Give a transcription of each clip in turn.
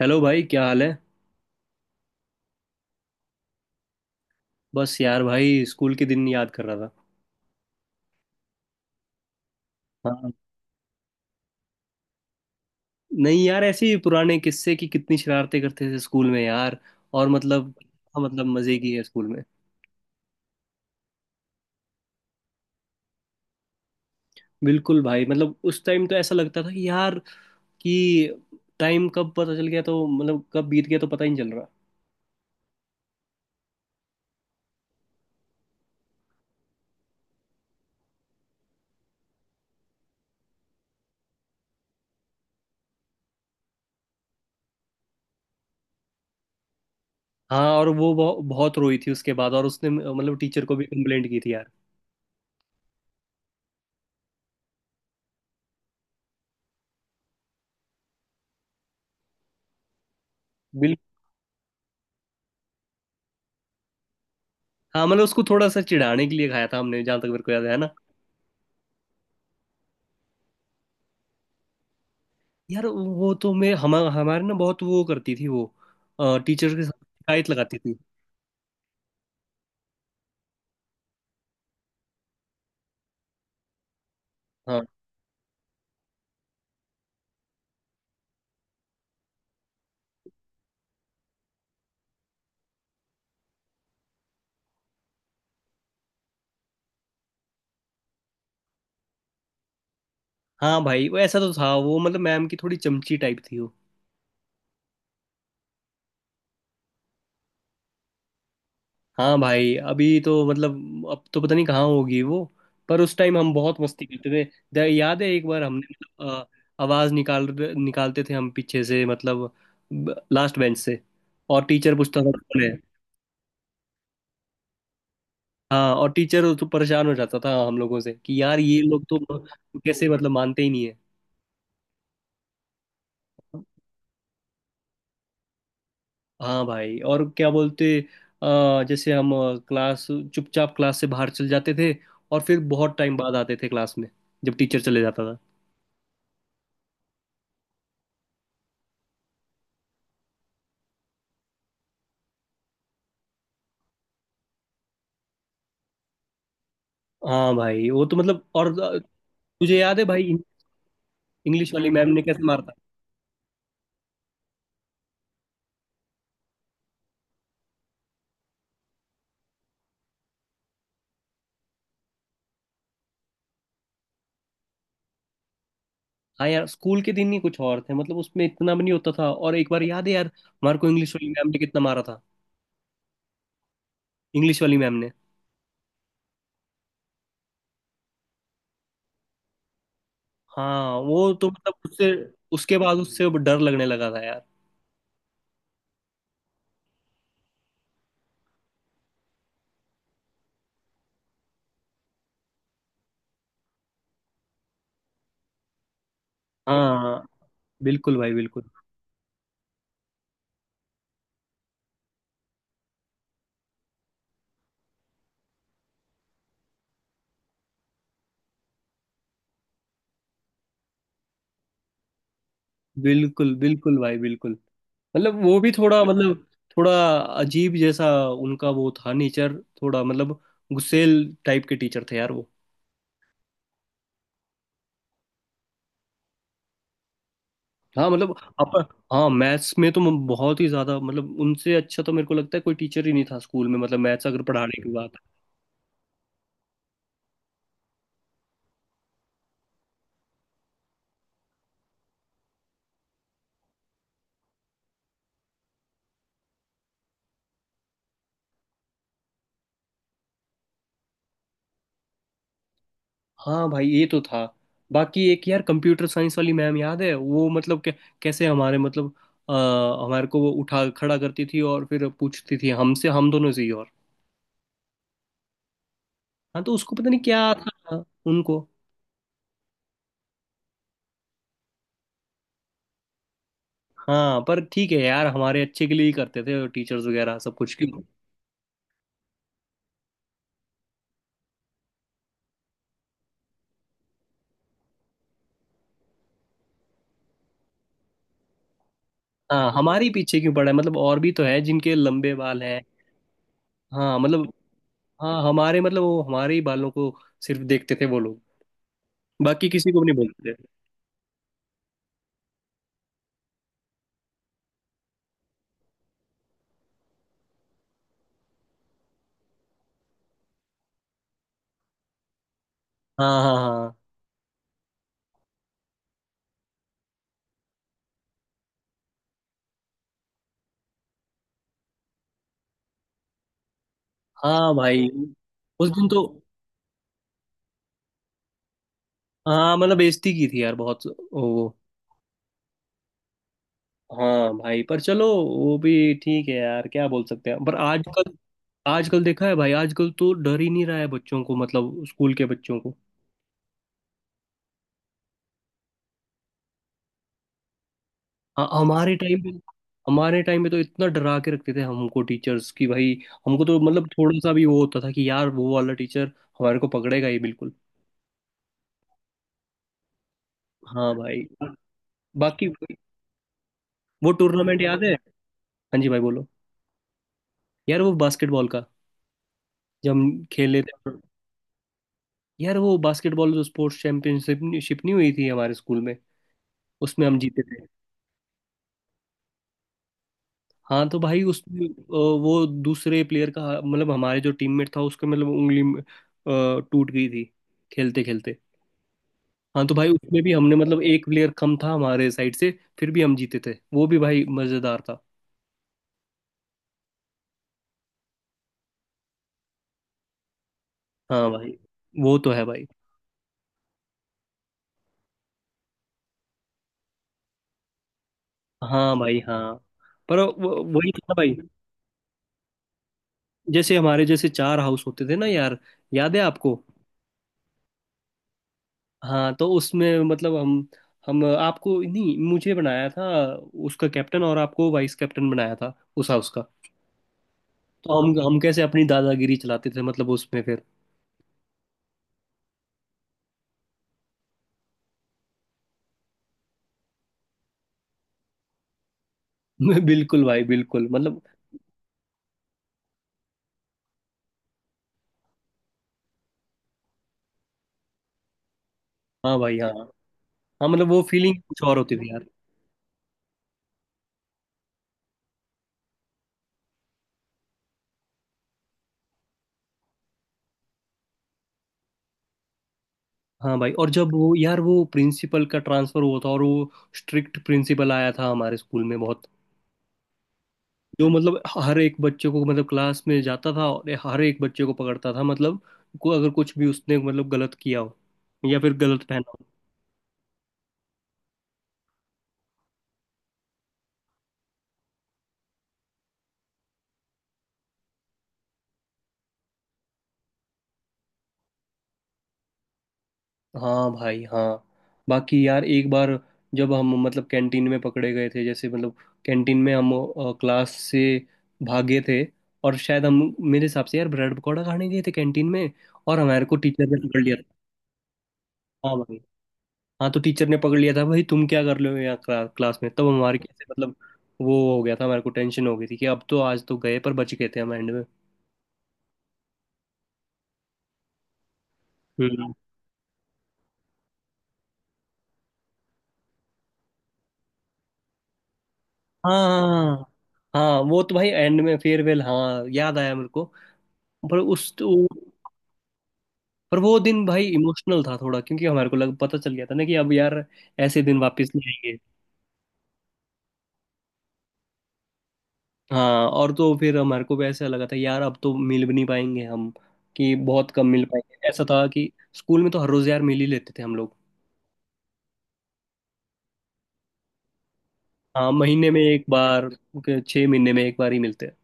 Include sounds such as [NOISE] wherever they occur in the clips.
Hello भाई, क्या हाल है। बस यार भाई, स्कूल के दिन याद कर रहा था। हाँ। नहीं यार, ऐसे ही पुराने किस्से की कितनी शरारतें करते थे स्कूल में यार। और मतलब हाँ, मतलब मजे की है स्कूल में। बिल्कुल भाई, मतलब उस टाइम तो ऐसा लगता था कि यार कि टाइम कब पता चल गया तो मतलब कब बीत गया तो पता ही नहीं चल रहा। हाँ, और वो बहुत रोई थी उसके बाद और उसने मतलब टीचर को भी कंप्लेंट की थी यार। बिल्कुल। हाँ मतलब उसको थोड़ा सा चिढ़ाने के लिए खाया था हमने, जहाँ तक मेरे को याद है ना। यार वो तो मैं हम हमारे ना बहुत वो करती थी वो, टीचर के साथ शिकायत लगाती थी। हाँ। हाँ भाई वो ऐसा तो था, वो मतलब मैम की थोड़ी चमची टाइप थी वो। हाँ भाई, अभी तो मतलब अब तो पता नहीं कहाँ होगी वो। पर उस टाइम हम बहुत मस्ती करते थे। याद है एक बार हमने मतलब आवाज निकालते थे हम पीछे से, मतलब लास्ट बेंच से। और टीचर पूछता था कौन है। हाँ, और टीचर तो परेशान हो जाता था हम लोगों से कि यार ये लोग तो कैसे मतलब मानते ही नहीं है। हाँ भाई और क्या बोलते। जैसे हम, क्लास, चुपचाप क्लास से बाहर चल जाते थे और फिर बहुत टाइम बाद आते थे क्लास में, जब टीचर चले जाता था। हाँ भाई वो तो मतलब और तुझे याद है भाई इंग्लिश वाली मैम ने कैसे मारता। हाँ यार, स्कूल के दिन ही कुछ और थे, मतलब उसमें इतना भी नहीं होता था। और एक बार याद है यार हमारे को इंग्लिश वाली मैम ने कितना मारा था। इंग्लिश वाली मैम ने। हाँ वो तो मतलब उससे, उसके बाद उससे अब डर लगने लगा था यार। हाँ बिल्कुल भाई बिल्कुल। बिल्कुल बिल्कुल भाई बिल्कुल, मतलब वो भी थोड़ा, मतलब थोड़ा अजीब जैसा उनका वो था नेचर, थोड़ा मतलब गुस्सेल टाइप के टीचर थे यार वो। हाँ मतलब अप हाँ, मैथ्स में तो मैं बहुत ही ज्यादा मतलब उनसे अच्छा तो मेरे को लगता है कोई टीचर ही नहीं था स्कूल में, मतलब मैथ्स अगर पढ़ाने की बात। हाँ भाई ये तो था। बाकी एक यार कंप्यूटर साइंस वाली मैम याद है वो, मतलब कैसे हमारे मतलब आ, हमारे को वो उठा खड़ा करती थी और फिर पूछती थी हमसे, हम दोनों से ही। और हाँ तो उसको पता नहीं क्या था उनको। हाँ पर ठीक है यार, हमारे अच्छे के लिए ही करते थे टीचर्स वगैरह, सब कुछ क्यों। हाँ, हमारे ही पीछे क्यों पड़ा है मतलब, और भी तो है जिनके लंबे बाल हैं। हाँ मतलब हाँ, हमारे मतलब वो हमारे ही बालों को सिर्फ देखते थे वो लोग, बाकी किसी को भी नहीं बोलते थे। हाँ हाँ हाँ। हाँ भाई, उस दिन तो। हाँ मतलब बेइज्जती की थी यार बहुत, वो। हाँ भाई पर चलो वो भी ठीक है यार, क्या बोल सकते हैं। पर आजकल, आजकल देखा है भाई, आजकल तो डर ही नहीं रहा है बच्चों को, मतलब स्कूल के बच्चों को। हाँ, हमारे टाइम पे, हमारे टाइम पे तो इतना डरा के रखते थे हमको टीचर्स की भाई। हमको तो मतलब थोड़ा सा भी वो होता था कि यार वो वाला टीचर हमारे को पकड़ेगा ही बिल्कुल। हाँ भाई। बाकी वो टूर्नामेंट याद है। हाँ जी भाई बोलो। यार वो बास्केटबॉल का जब हम खेले थे। यार वो बास्केटबॉल जो स्पोर्ट्स चैंपियनशिप नहीं हुई थी हमारे स्कूल में, उसमें हम जीते थे। हाँ तो भाई उसमें वो दूसरे प्लेयर का मतलब हमारे जो टीममेट था उसके मतलब उंगली में, टूट गई थी, खेलते खेलते। हाँ तो भाई उसमें भी हमने मतलब एक प्लेयर कम था हमारे साइड से, फिर भी हम जीते थे। वो भी भाई मजेदार था। हाँ भाई। वो तो है भाई। हाँ भाई हाँ। पर वही था ना भाई। जैसे हमारे जैसे चार हाउस होते थे ना यार, याद है आपको। हाँ तो उसमें मतलब हम, आपको नहीं मुझे बनाया था उसका कैप्टन, और आपको वाइस कैप्टन बनाया था उस हाउस का। तो हम कैसे अपनी दादागिरी चलाते थे मतलब उसमें फिर। [LAUGHS] बिल्कुल भाई बिल्कुल मतलब। हाँ भाई हाँ। हाँ मतलब वो फीलिंग कुछ और होती थी यार। हाँ भाई, और जब वो यार वो प्रिंसिपल का ट्रांसफर हुआ था और वो स्ट्रिक्ट प्रिंसिपल आया था हमारे स्कूल में बहुत, जो मतलब हर एक बच्चे को मतलब क्लास में जाता था और हर एक बच्चे को पकड़ता था, मतलब को अगर कुछ भी उसने मतलब गलत किया हो या फिर गलत पहना हो। हाँ भाई हाँ। बाकी यार एक बार जब हम मतलब कैंटीन में पकड़े गए थे, जैसे मतलब कैंटीन में हम क्लास से भागे थे, और शायद हम, मेरे हिसाब से यार ब्रेड पकौड़ा खाने गए थे कैंटीन में, और हमारे को टीचर ने पकड़ लिया था। हाँ भाई। हाँ तो टीचर ने पकड़ लिया था भाई, तुम क्या कर रहे हो यहाँ क्लास में, तब हमारे कैसे मतलब वो हो गया था, हमारे को टेंशन हो गई थी कि अब तो आज तो गए, पर बच गए थे हम एंड में। हम्म। हाँ हाँ हाँ, वो तो भाई एंड में फेयरवेल, हाँ याद आया मेरे को। पर पर वो दिन भाई इमोशनल था थोड़ा, क्योंकि हमारे को लग पता चल गया था ना कि अब यार ऐसे दिन वापस नहीं आएंगे। हाँ, और तो फिर हमारे को भी ऐसा लगा था यार अब तो मिल भी नहीं पाएंगे हम, कि बहुत कम मिल पाएंगे। ऐसा था कि स्कूल में तो हर रोज यार मिल ही लेते थे हम लोग। हाँ, महीने में एक बार के छः महीने में एक बार ही मिलते हैं।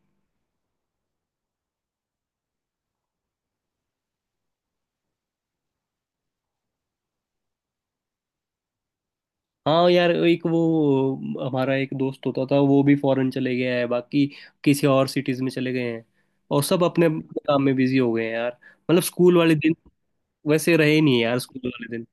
हाँ यार एक वो हमारा एक दोस्त होता था, वो भी फॉरेन चले गया है, बाकी किसी और सिटीज में चले गए हैं, और सब अपने अपने काम में बिजी हो गए हैं यार। मतलब स्कूल वाले दिन वैसे रहे नहीं यार, स्कूल वाले दिन।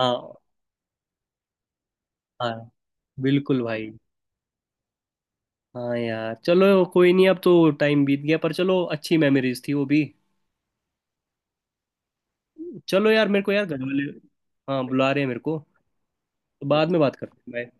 हाँ। हाँ बिल्कुल भाई। हाँ यार चलो, कोई नहीं, अब तो टाइम बीत गया, पर चलो अच्छी मेमोरीज थी वो भी। चलो यार, मेरे को यार घर वाले हाँ बुला रहे हैं मेरे को, तो बाद में बात करते हैं।